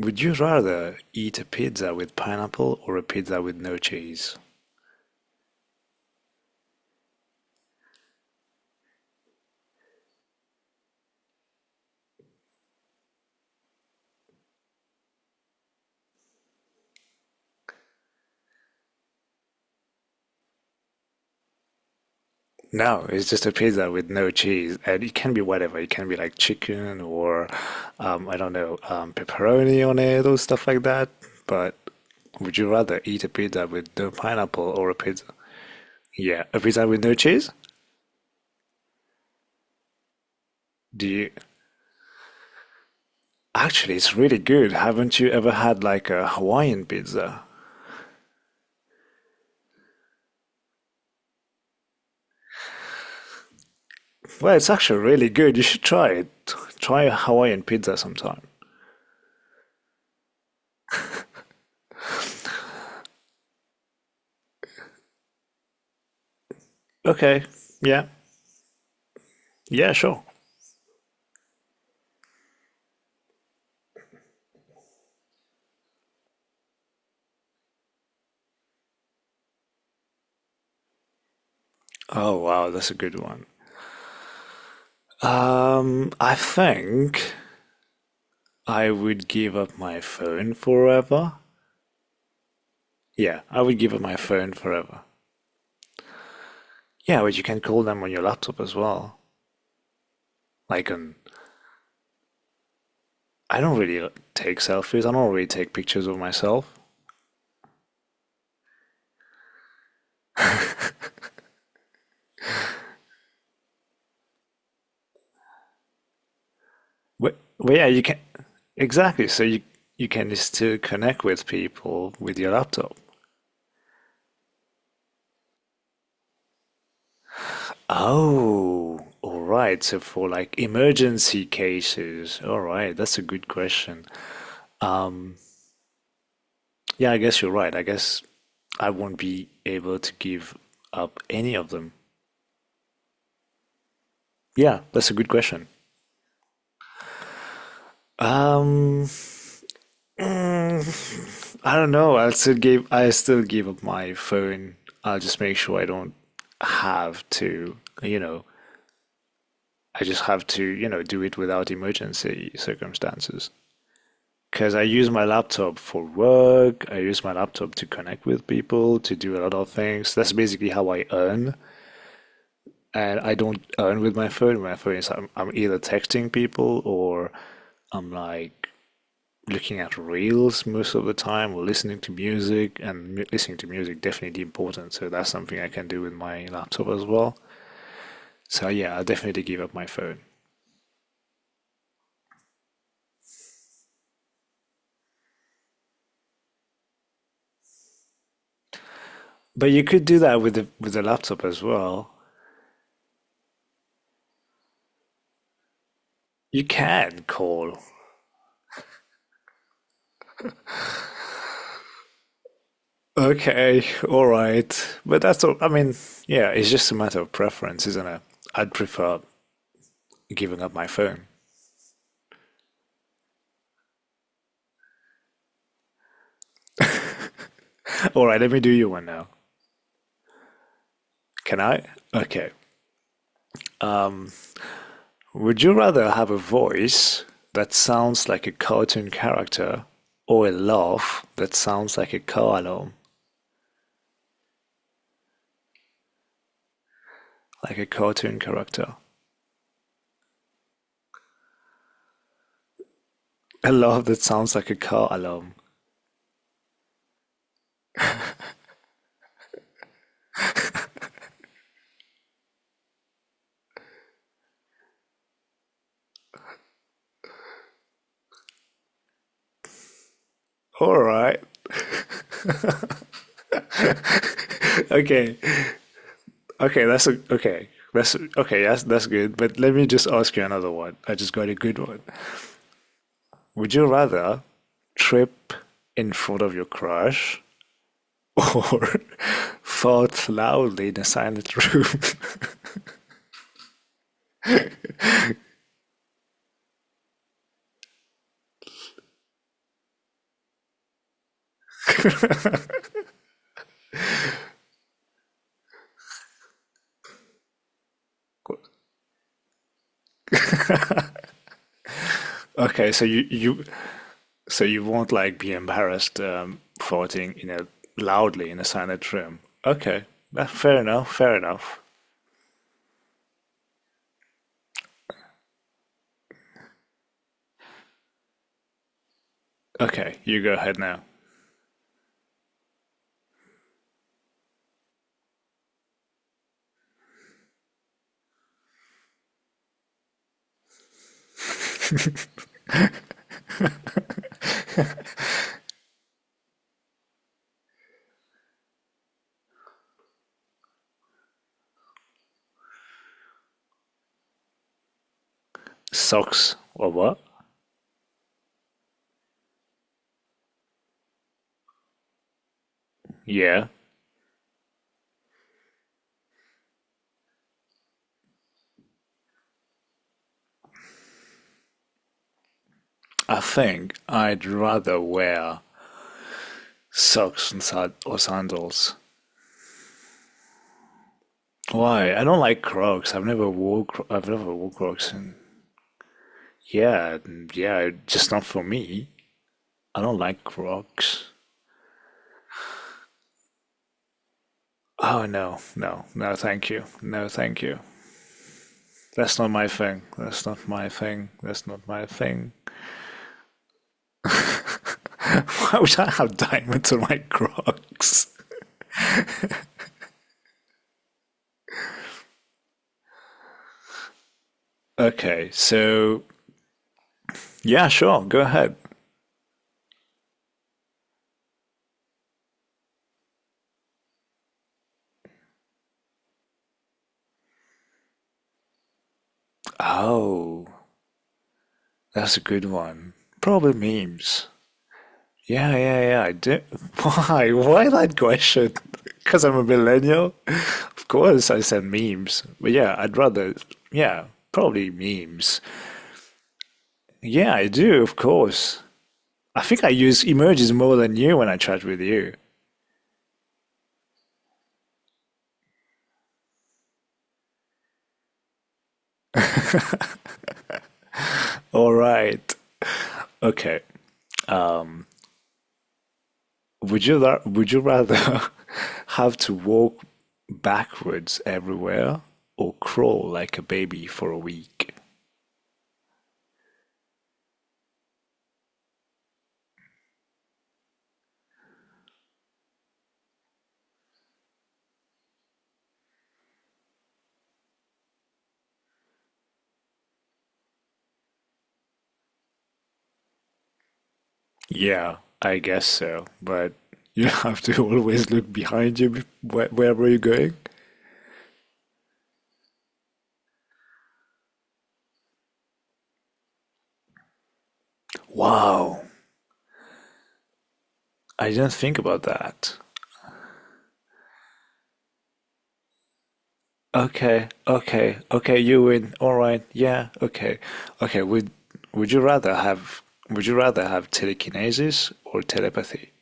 Would you rather eat a pizza with pineapple or a pizza with no cheese? No, it's just a pizza with no cheese, and it can be whatever. It can be like chicken or I don't know, pepperoni on it or stuff like that. But would you rather eat a pizza with no pineapple or a pizza? Yeah, a pizza with no cheese? Do you? Actually, it's really good. Haven't you ever had like a Hawaiian pizza? Well, it's actually really good. You should try it. Try a Hawaiian pizza sometime. Okay, yeah. Yeah, sure. Oh, wow, that's a good one. I think I would give up my phone forever. Yeah, I would give up my phone forever. Yeah, but you can call them on your laptop as well. Like on, I don't really take selfies. I don't really take pictures of myself. But yeah, you can exactly. So you can still connect with people with your laptop. Oh, all right. So for like emergency cases, all right, that's a good question. Yeah, I guess you're right. I guess I won't be able to give up any of them. Yeah, that's a good question. Um, I don't know. I still give up my phone. I'll just make sure I don't have to, you know, I just have to, you know, do it without emergency circumstances. Because I use my laptop for work, I use my laptop to connect with people, to do a lot of things. That's basically how I earn. And I don't earn with my phone. My phone is I'm either texting people or I'm like looking at reels most of the time or listening to music. And listening to music definitely important. So that's something I can do with my laptop as well. So yeah, I'll definitely give up my phone. But you could do that with the laptop as well. You can call. Okay, all right. But that's all. I mean, yeah, it's just a matter of preference, isn't it? I'd prefer giving up my phone. All right, let me do you one now. Can I? Okay. Would you rather have a voice that sounds like a cartoon character or a laugh that sounds like a car alarm? Like a cartoon character. A laugh that sounds like a car alarm. All right. Okay. Okay, that's that's good. But let me just ask you another one. I just got a good one. Would you rather trip in front of your crush or fart loudly in a silent room? Okay, so you won't like be embarrassed farting in a loudly in a silent room. Okay, that, fair enough, fair enough. Okay, you go ahead now. Socks or what? Yeah, I think I'd rather wear socks and sad or sandals. Why? I don't like Crocs. I've never wore I've never wore Crocs, and yeah, just not for me. I don't like Crocs. Oh no, no, no, thank you, no, thank you. That's not my thing. That's not my thing. That's not my thing. Why would I have diamonds on my Crocs? Okay, so yeah, sure, go ahead. Oh, that's a good one. Probably memes. Yeah, yeah, yeah. I do. Why? Why that question? Because I'm a millennial. Of course, I said memes. But yeah, I'd rather. Yeah, probably memes. Yeah, I do. Of course. I think I use emojis more than you when I chat with you. All right. Okay. Would you rather have to walk backwards everywhere or crawl like a baby for a week? Yeah, I guess so. But you have to always look behind you wherever you're going. Wow. I didn't think about that. Okay, okay, okay, you win. All right. Yeah, okay. Okay, would would you rather have would you rather have telekinesis or telepathy?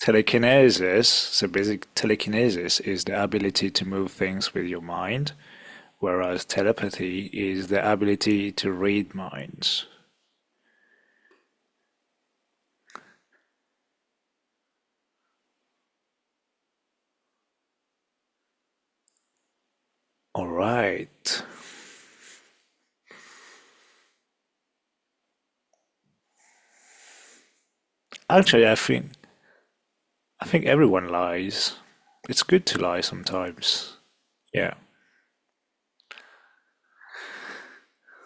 Telekinesis, so basic telekinesis is the ability to move things with your mind, whereas telepathy is the ability to read minds. All right. Actually, I think everyone lies. It's good to lie sometimes. Yeah.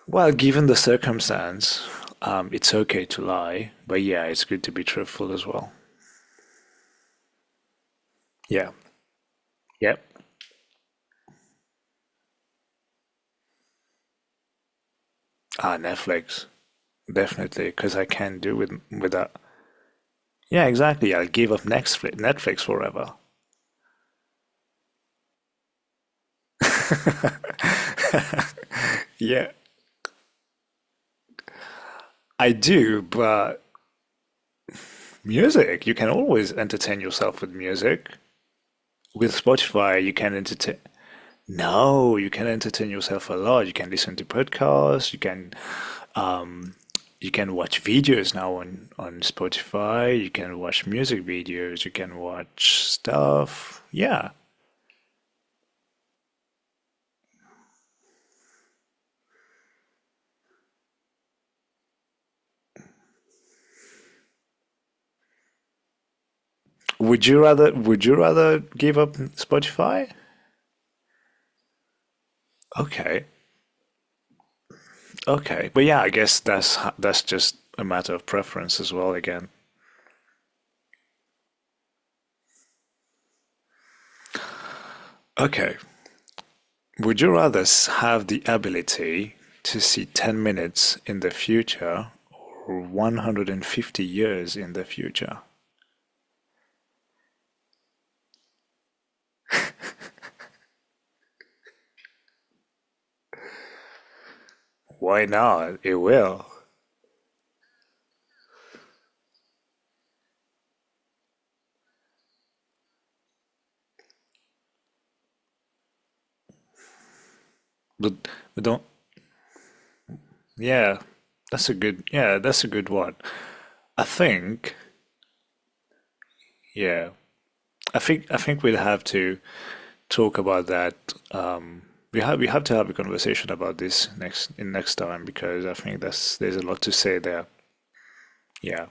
Well, given the circumstance, it's okay to lie, but yeah, it's good to be truthful as well. Yeah. Yep. Ah, Netflix. Definitely, because I can't do with that. Yeah, exactly. I will give up Netflix forever. Yeah. I do, but music, you can always entertain yourself with music. With Spotify, you can entertain. No, you can entertain yourself a lot. You can listen to podcasts, you can watch videos now on Spotify, you can watch music videos, you can watch stuff. Yeah. Would you rather give up Spotify? Okay. Okay. But yeah, I guess that's just a matter of preference as well again. Okay. Would you rather have the ability to see 10 minutes in the future or 150 years in the future? Why not? It will. But, but don't, yeah, yeah, that's a good one. I think, yeah, I think we'd have to talk about that. Um, we have to have a conversation about this next time because I think that's there's a lot to say there. Yeah.